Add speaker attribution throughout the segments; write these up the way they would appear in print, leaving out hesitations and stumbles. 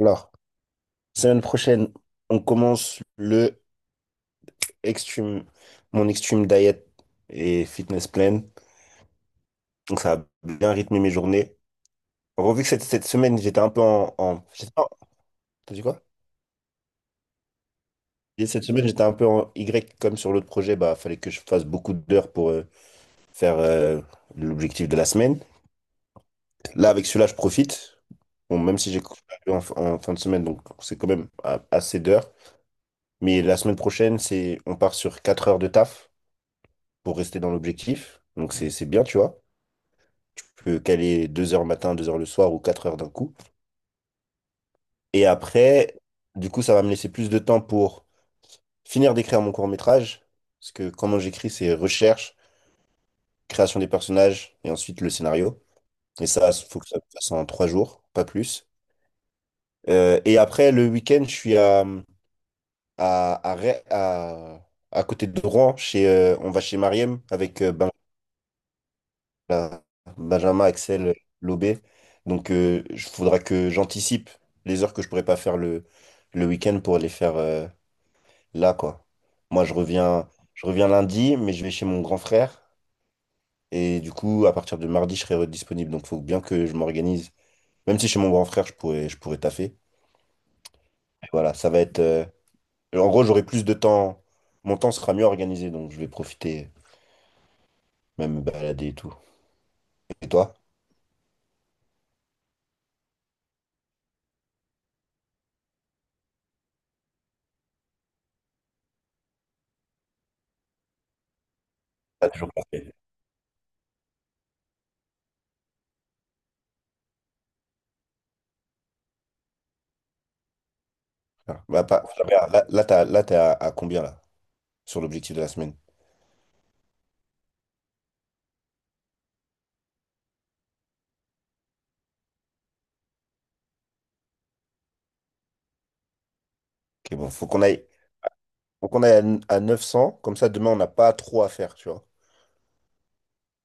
Speaker 1: Alors, semaine prochaine, on commence Extreme, mon Extreme Diet et Fitness Plan. Donc, ça a bien rythmé mes journées. En gros, vu que cette semaine, j'étais un peu je sais pas, t'as dit quoi? Et cette semaine, j'étais un peu en Y comme sur l'autre projet. Bah, fallait que je fasse beaucoup d'heures pour faire l'objectif de la semaine. Là, avec celui-là, je profite. Bon, même si j'ai couru en fin de semaine, donc c'est quand même assez d'heures. Mais la semaine prochaine, c'est, on part sur 4 heures de taf, pour rester dans l'objectif. Donc c'est bien, tu vois. Tu peux caler 2 heures le matin, 2 heures le soir ou 4 heures d'un coup. Et après, du coup, ça va me laisser plus de temps pour finir d'écrire mon court-métrage. Parce que comment j'écris, c'est recherche, création des personnages et ensuite le scénario. Et ça, il faut que ça se fasse en 3 jours, pas plus. Et après, le week-end, je suis à, à, Ré- à, à côté de Rouen. On va chez Mariem avec Benjamin là, Benjamin, Axel, Lobé. Donc, il faudra que j'anticipe les heures que je pourrais pas faire le week-end pour les faire là, quoi. Moi, je reviens lundi, mais je vais chez mon grand frère. Et du coup, à partir de mardi, je serai disponible. Donc, il faut bien que je m'organise. Même si chez mon grand frère, je pourrais taffer. Mais voilà, ça va être. En gros, j'aurai plus de temps. Mon temps sera mieux organisé, donc je vais profiter, même me balader et tout. Et toi? T'as toujours pas fait. Ah, bah, là, là, là, t'es à combien là, sur l'objectif de la semaine? Ok, bon, faut qu'on aille à 900, comme ça demain on n'a pas trop à faire, tu vois.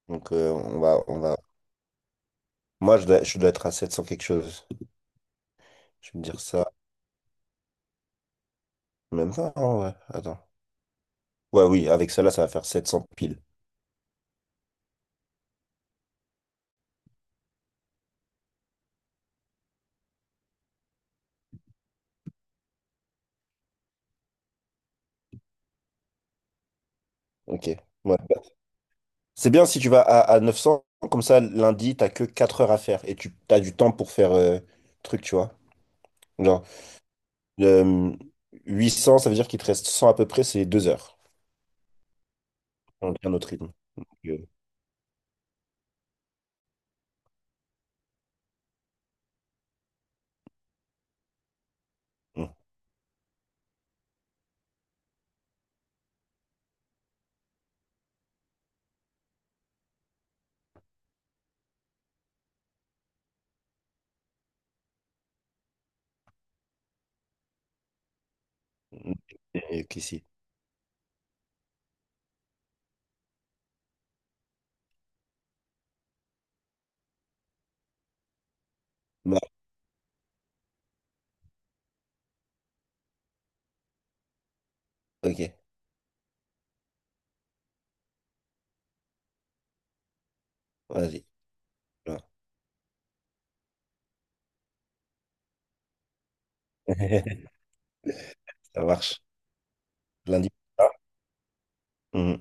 Speaker 1: Donc on va, on va. Moi je dois être à 700 quelque chose. Je vais me dire ça, même pas, hein, ouais, attends. Ouais, oui, avec celle-là ça va faire 700 piles. Ok, ouais, bah, c'est bien si tu vas à 900 comme ça lundi, t'as que 4 heures à faire et tu as du temps pour faire truc, tu vois. Genre, euh, 800, ça veut dire qu'il te reste 100 à peu près, c'est 2 heures. On a un autre rythme. que- Hum, et qu'ici. Bah, ok, vas-y. Voilà. Ça marche. Lundi, ça. Hum,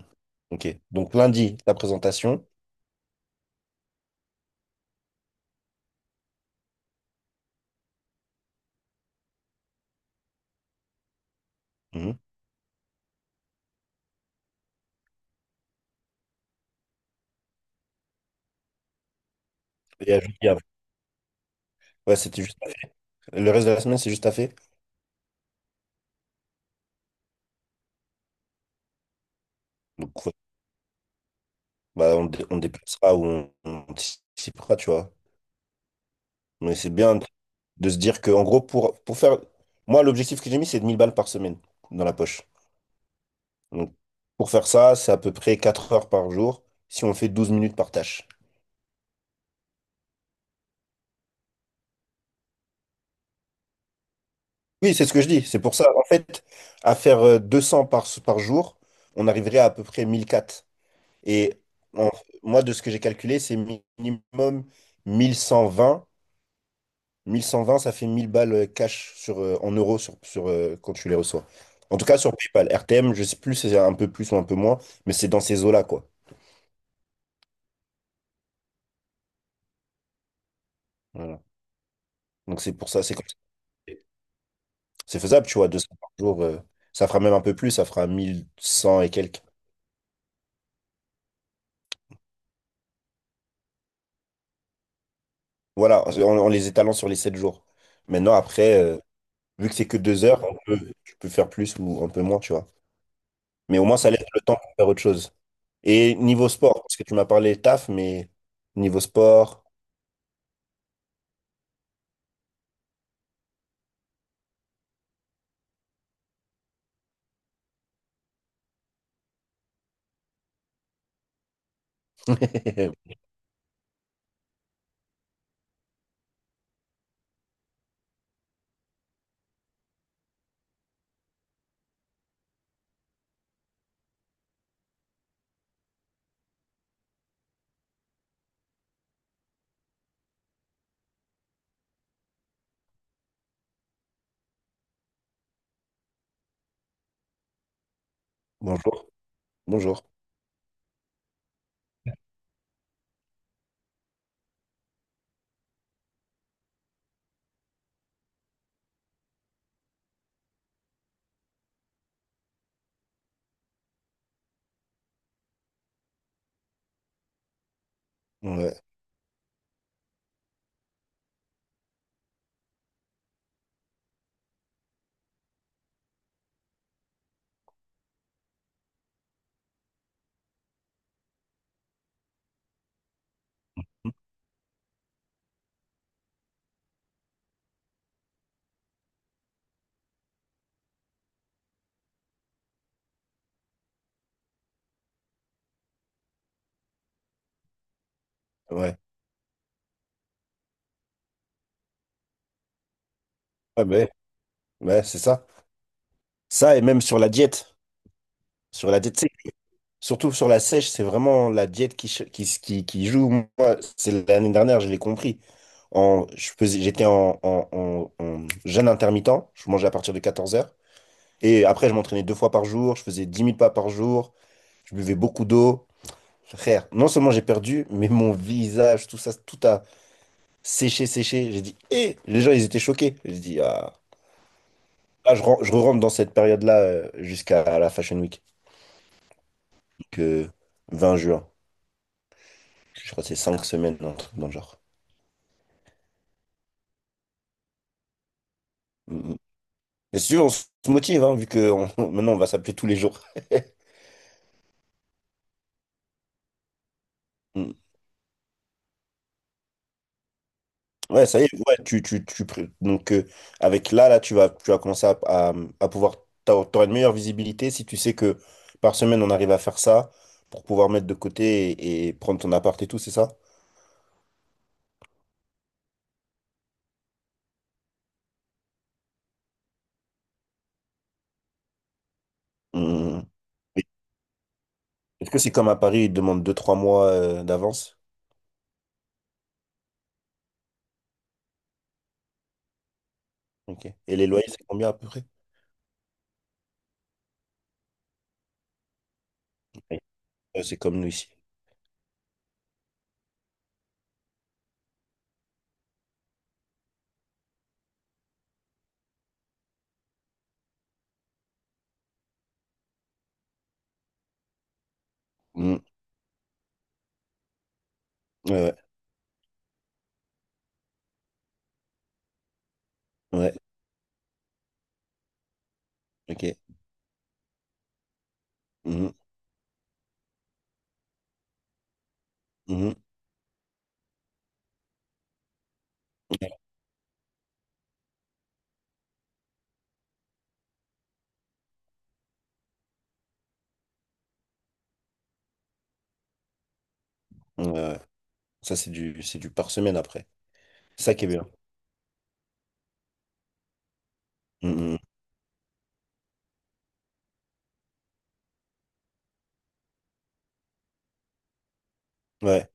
Speaker 1: Ok. Donc lundi, la présentation. Hum. Et à jeudi avant. Ouais, c'était juste à faire. Le reste de la semaine, c'est juste à faire. Donc, ouais. Bah, on déplacera ou on anticipera, tu vois. Mais c'est bien de se dire que, en gros, pour faire. Moi, l'objectif que j'ai mis, c'est de 1000 balles par semaine dans la poche. Donc, pour faire ça, c'est à peu près 4 heures par jour si on fait 12 minutes par tâche. Oui, c'est ce que je dis. C'est pour ça, en fait, à faire 200 par jour, on arriverait à peu près 1004. Et en- moi, de ce que j'ai calculé, c'est minimum 1120 1120 ça fait 1000 balles cash sur, en euros sur, quand tu les reçois. En tout cas, sur PayPal. RTM, je sais plus si c'est un peu plus ou un peu moins, mais c'est dans ces eaux-là, quoi. Voilà. Donc c'est pour ça, c'est comme ça. C'est faisable, tu vois, 200 par jour. Ça fera même un peu plus, ça fera 1100 et quelques. Voilà, en les étalant sur les 7 jours. Maintenant, après, vu que c'est que 2 heures, tu peux faire plus ou un peu moins, tu vois. Mais au moins, ça laisse le temps pour faire autre chose. Et niveau sport, parce que tu m'as parlé taf, mais niveau sport, bonjour, bonjour. Ouais, ouais. Ah ben, ouais, ouais, c'est ça. Ça, et même sur la diète. Sur la diète sèche. Surtout sur la sèche, c'est vraiment la diète qui joue. Moi, c'est l'année dernière, je l'ai compris. J'étais en jeûne intermittent. Je mangeais à partir de 14 heures. Et après, je m'entraînais 2 fois par jour. Je faisais 10 000 pas par jour. Je buvais beaucoup d'eau. Frère, non seulement j'ai perdu, mais mon visage, tout ça, tout a séché, séché. J'ai dit, hé, les gens, ils étaient choqués. J'ai dit, ah. Là, je rentre dans cette période-là jusqu'à la Fashion Week, donc 20 juin. Je crois que c'est 5 semaines, un truc dans le genre. Mm, mm. Et si on se motive, hein, vu que maintenant on va s'appeler tous les jours. Mm. Ouais, ça y est, ouais, donc avec là, tu vas commencer à pouvoir, t'auras une meilleure visibilité si tu sais que par semaine on arrive à faire ça pour pouvoir mettre de côté et prendre ton appart et tout, c'est ça? Mm. Est-ce que c'est comme à Paris, ils te demandent deux trois mois d'avance? Ok. Et les loyers, c'est combien à peu près? Ouais, ouais, c'est comme nous ici. Mhm. Ouais, ouais, ouais. Ok. Mhm. Mhm. Ouais, ouais. Ouais. Ça, c'est du par semaine après. C'est ça qui est bien. Mhm. Ouais,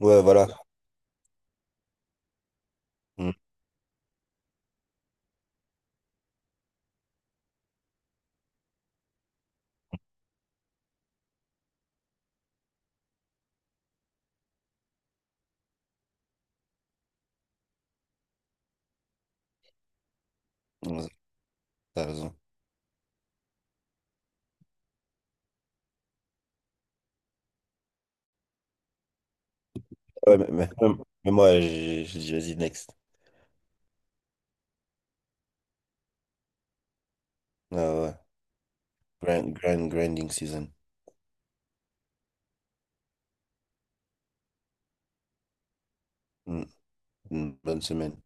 Speaker 1: ouais, voilà. Mhm. Ouais, t'as raison. Ouais, mais, mais moi, j'ai dit, vas-y, next. Ouais, ouais. Grind, grind, grinding season. Mhm. Une bonne semaine.